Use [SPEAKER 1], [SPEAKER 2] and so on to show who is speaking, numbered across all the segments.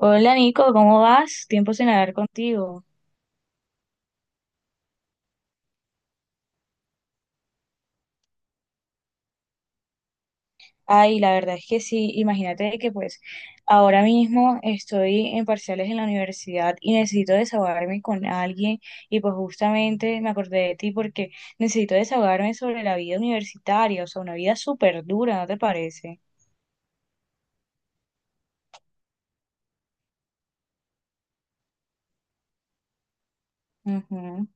[SPEAKER 1] Hola Nico, ¿cómo vas? Tiempo sin hablar contigo. Ay, la verdad es que sí, imagínate que pues ahora mismo estoy en parciales en la universidad y necesito desahogarme con alguien y pues justamente me acordé de ti porque necesito desahogarme sobre la vida universitaria, o sea, una vida súper dura, ¿no te parece? Ujú.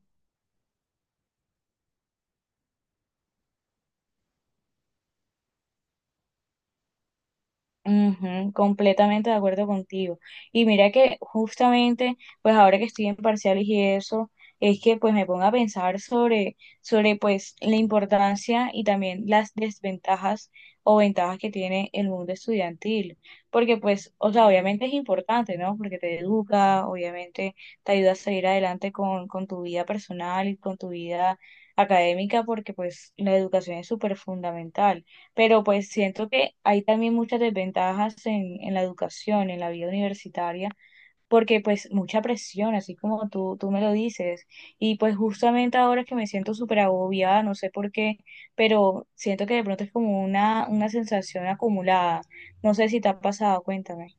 [SPEAKER 1] Ujú, completamente de acuerdo contigo. Y mira que justamente, pues ahora que estoy en parciales y eso, es que pues me pongo a pensar sobre pues la importancia y también las desventajas o ventajas que tiene el mundo estudiantil. Porque pues, o sea, obviamente es importante, ¿no? Porque te educa, obviamente te ayuda a seguir adelante con tu vida personal y con tu vida académica, porque pues la educación es súper fundamental, pero pues siento que hay también muchas desventajas en la educación, en la vida universitaria, porque pues mucha presión, así como tú me lo dices. Y pues justamente ahora que me siento súper agobiada, no sé por qué, pero siento que de pronto es como una sensación acumulada. No sé si te ha pasado, cuéntame.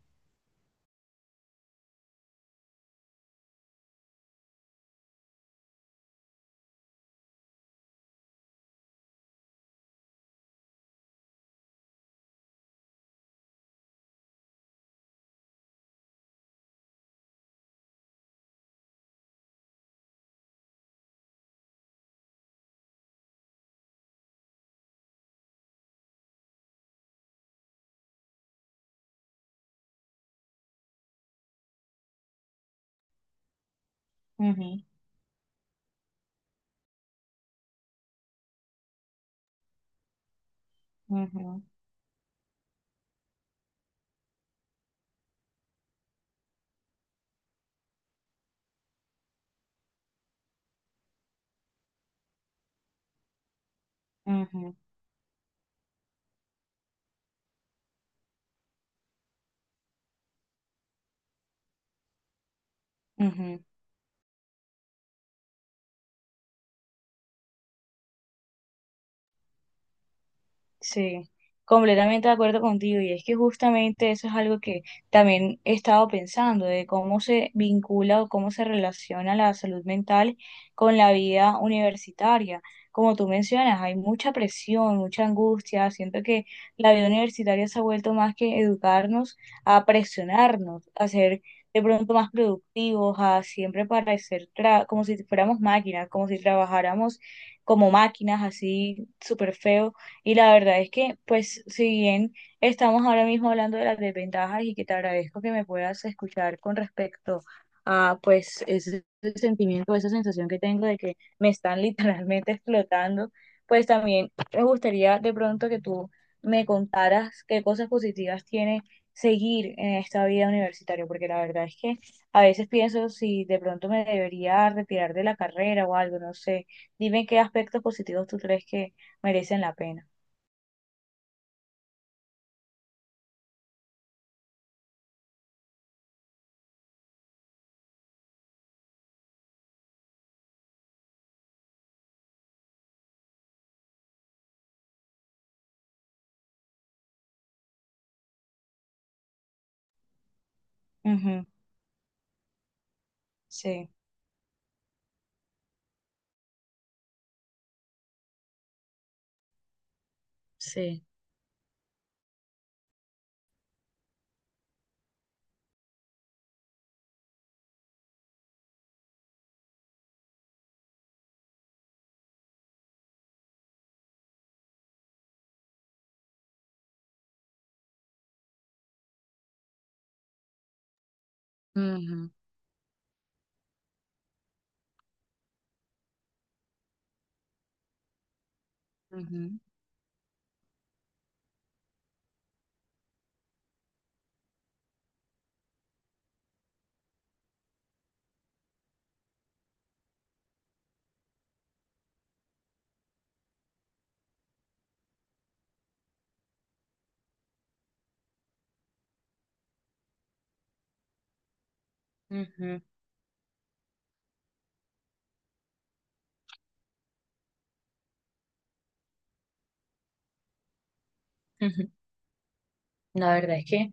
[SPEAKER 1] Ujú, ujú, ujú, ujú. Sí, completamente de acuerdo contigo. Y es que justamente eso es algo que también he estado pensando, de cómo se vincula o cómo se relaciona la salud mental con la vida universitaria. Como tú mencionas, hay mucha presión, mucha angustia. Siento que la vida universitaria se ha vuelto más que educarnos a presionarnos, a ser de pronto más productivos, a siempre parecer como si fuéramos máquinas, como si trabajáramos como máquinas, así súper feo. Y la verdad es que, pues, si bien estamos ahora mismo hablando de las desventajas y que te agradezco que me puedas escuchar con respecto a, pues, ese sentimiento, esa sensación que tengo de que me están literalmente explotando, pues también me gustaría de pronto que tú me contaras qué cosas positivas tiene seguir en esta vida universitaria, porque la verdad es que a veces pienso si de pronto me debería retirar de la carrera o algo, no sé. Dime qué aspectos positivos tú crees que merecen la pena. Ujú. Sí. Sí. Ujú, ujú, ujú, ujú. La verdad es que,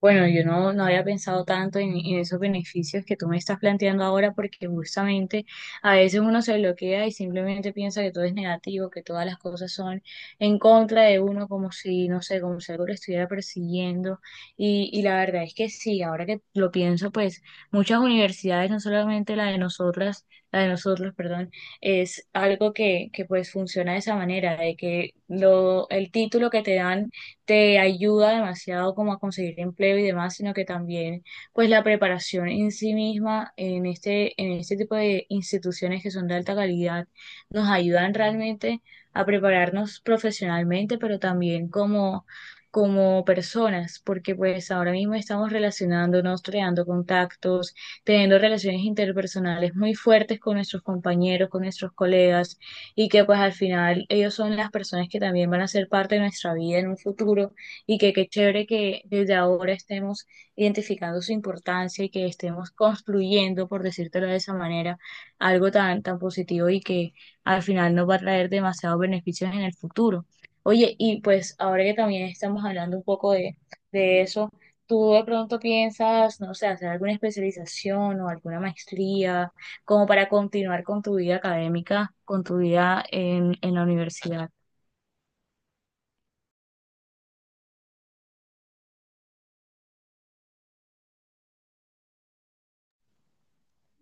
[SPEAKER 1] bueno, yo no había pensado tanto en esos beneficios que tú me estás planteando ahora, porque justamente a veces uno se bloquea y simplemente piensa que todo es negativo, que todas las cosas son en contra de uno, como si, no sé, como si algo lo estuviera persiguiendo. Y la verdad es que sí, ahora que lo pienso, pues muchas universidades, no solamente la de nosotras, la de nosotros, perdón, es algo que pues funciona de esa manera, de que lo, el título que te dan te ayuda demasiado como a conseguir empleo y demás, sino que también pues la preparación en sí misma en este tipo de instituciones que son de alta calidad nos ayudan realmente a prepararnos profesionalmente, pero también como como personas, porque pues ahora mismo estamos relacionándonos, creando contactos, teniendo relaciones interpersonales muy fuertes con nuestros compañeros, con nuestros colegas, y que pues al final ellos son las personas que también van a ser parte de nuestra vida en un futuro y que qué chévere que desde ahora estemos identificando su importancia y que estemos construyendo, por decírtelo de esa manera, algo tan, tan positivo y que al final nos va a traer demasiados beneficios en el futuro. Oye, y pues ahora que también estamos hablando un poco de eso, ¿tú de pronto piensas, no sé, hacer alguna especialización o alguna maestría como para continuar con tu vida académica, con tu vida en la universidad?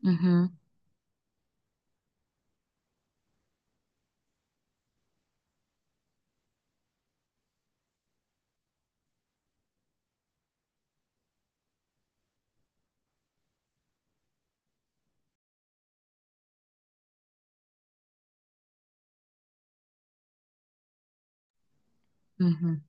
[SPEAKER 1] Ujú, ujú,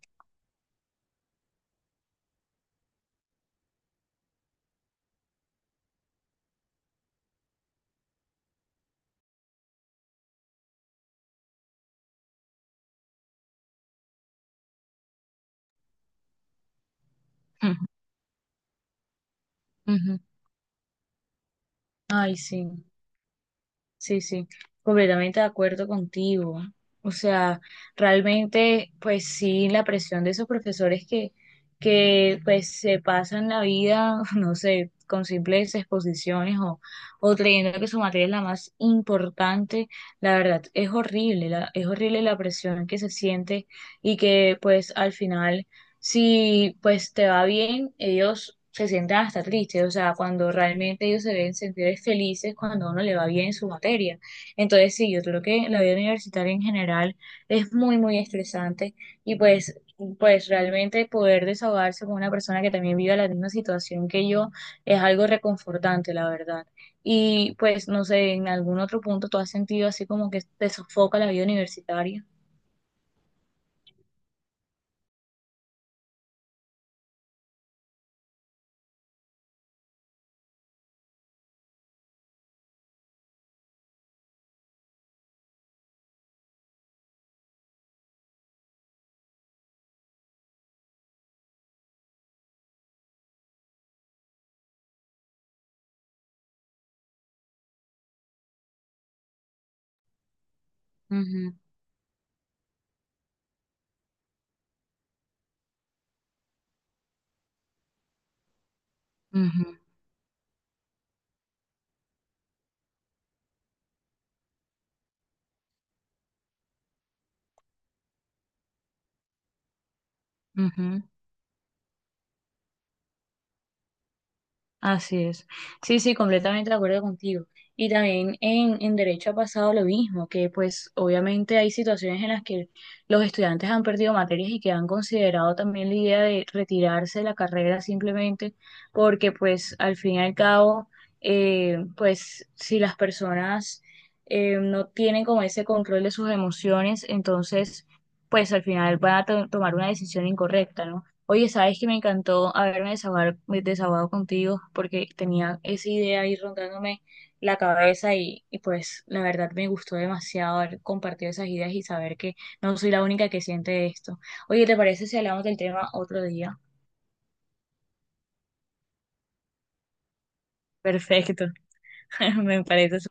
[SPEAKER 1] ujú, ujú. Ay, sí. Sí, sí, completamente de acuerdo contigo. O sea, realmente, pues sí, la presión de esos profesores que pues se pasan la vida, no sé, con simples exposiciones o creyendo que su materia es la más importante, la verdad, es horrible la presión que se siente y que pues al final si pues te va bien, ellos se sientan hasta tristes, o sea, cuando realmente ellos se deben sentir felices cuando a uno le va bien en su materia. Entonces, sí, yo creo que la vida universitaria en general es muy, muy estresante y pues, pues realmente poder desahogarse con una persona que también vive la misma situación que yo es algo reconfortante, la verdad. Y pues, no sé, en algún otro punto tú has sentido así como que te sofoca la vida universitaria. Ujú, ujú, ujú. Así es. Sí, sí, completamente de acuerdo contigo. Y también en derecho ha pasado lo mismo, que pues obviamente hay situaciones en las que los estudiantes han perdido materias y que han considerado también la idea de retirarse de la carrera simplemente porque pues al fin y al cabo, pues si las personas no tienen como ese control de sus emociones, entonces pues al final van a tomar una decisión incorrecta, ¿no? Oye, sabes que me encantó me desahogado contigo porque tenía esa idea ahí rondándome la cabeza y pues la verdad me gustó demasiado haber compartido esas ideas y saber que no soy la única que siente esto. Oye, ¿te parece si hablamos del tema otro día? Perfecto, me parece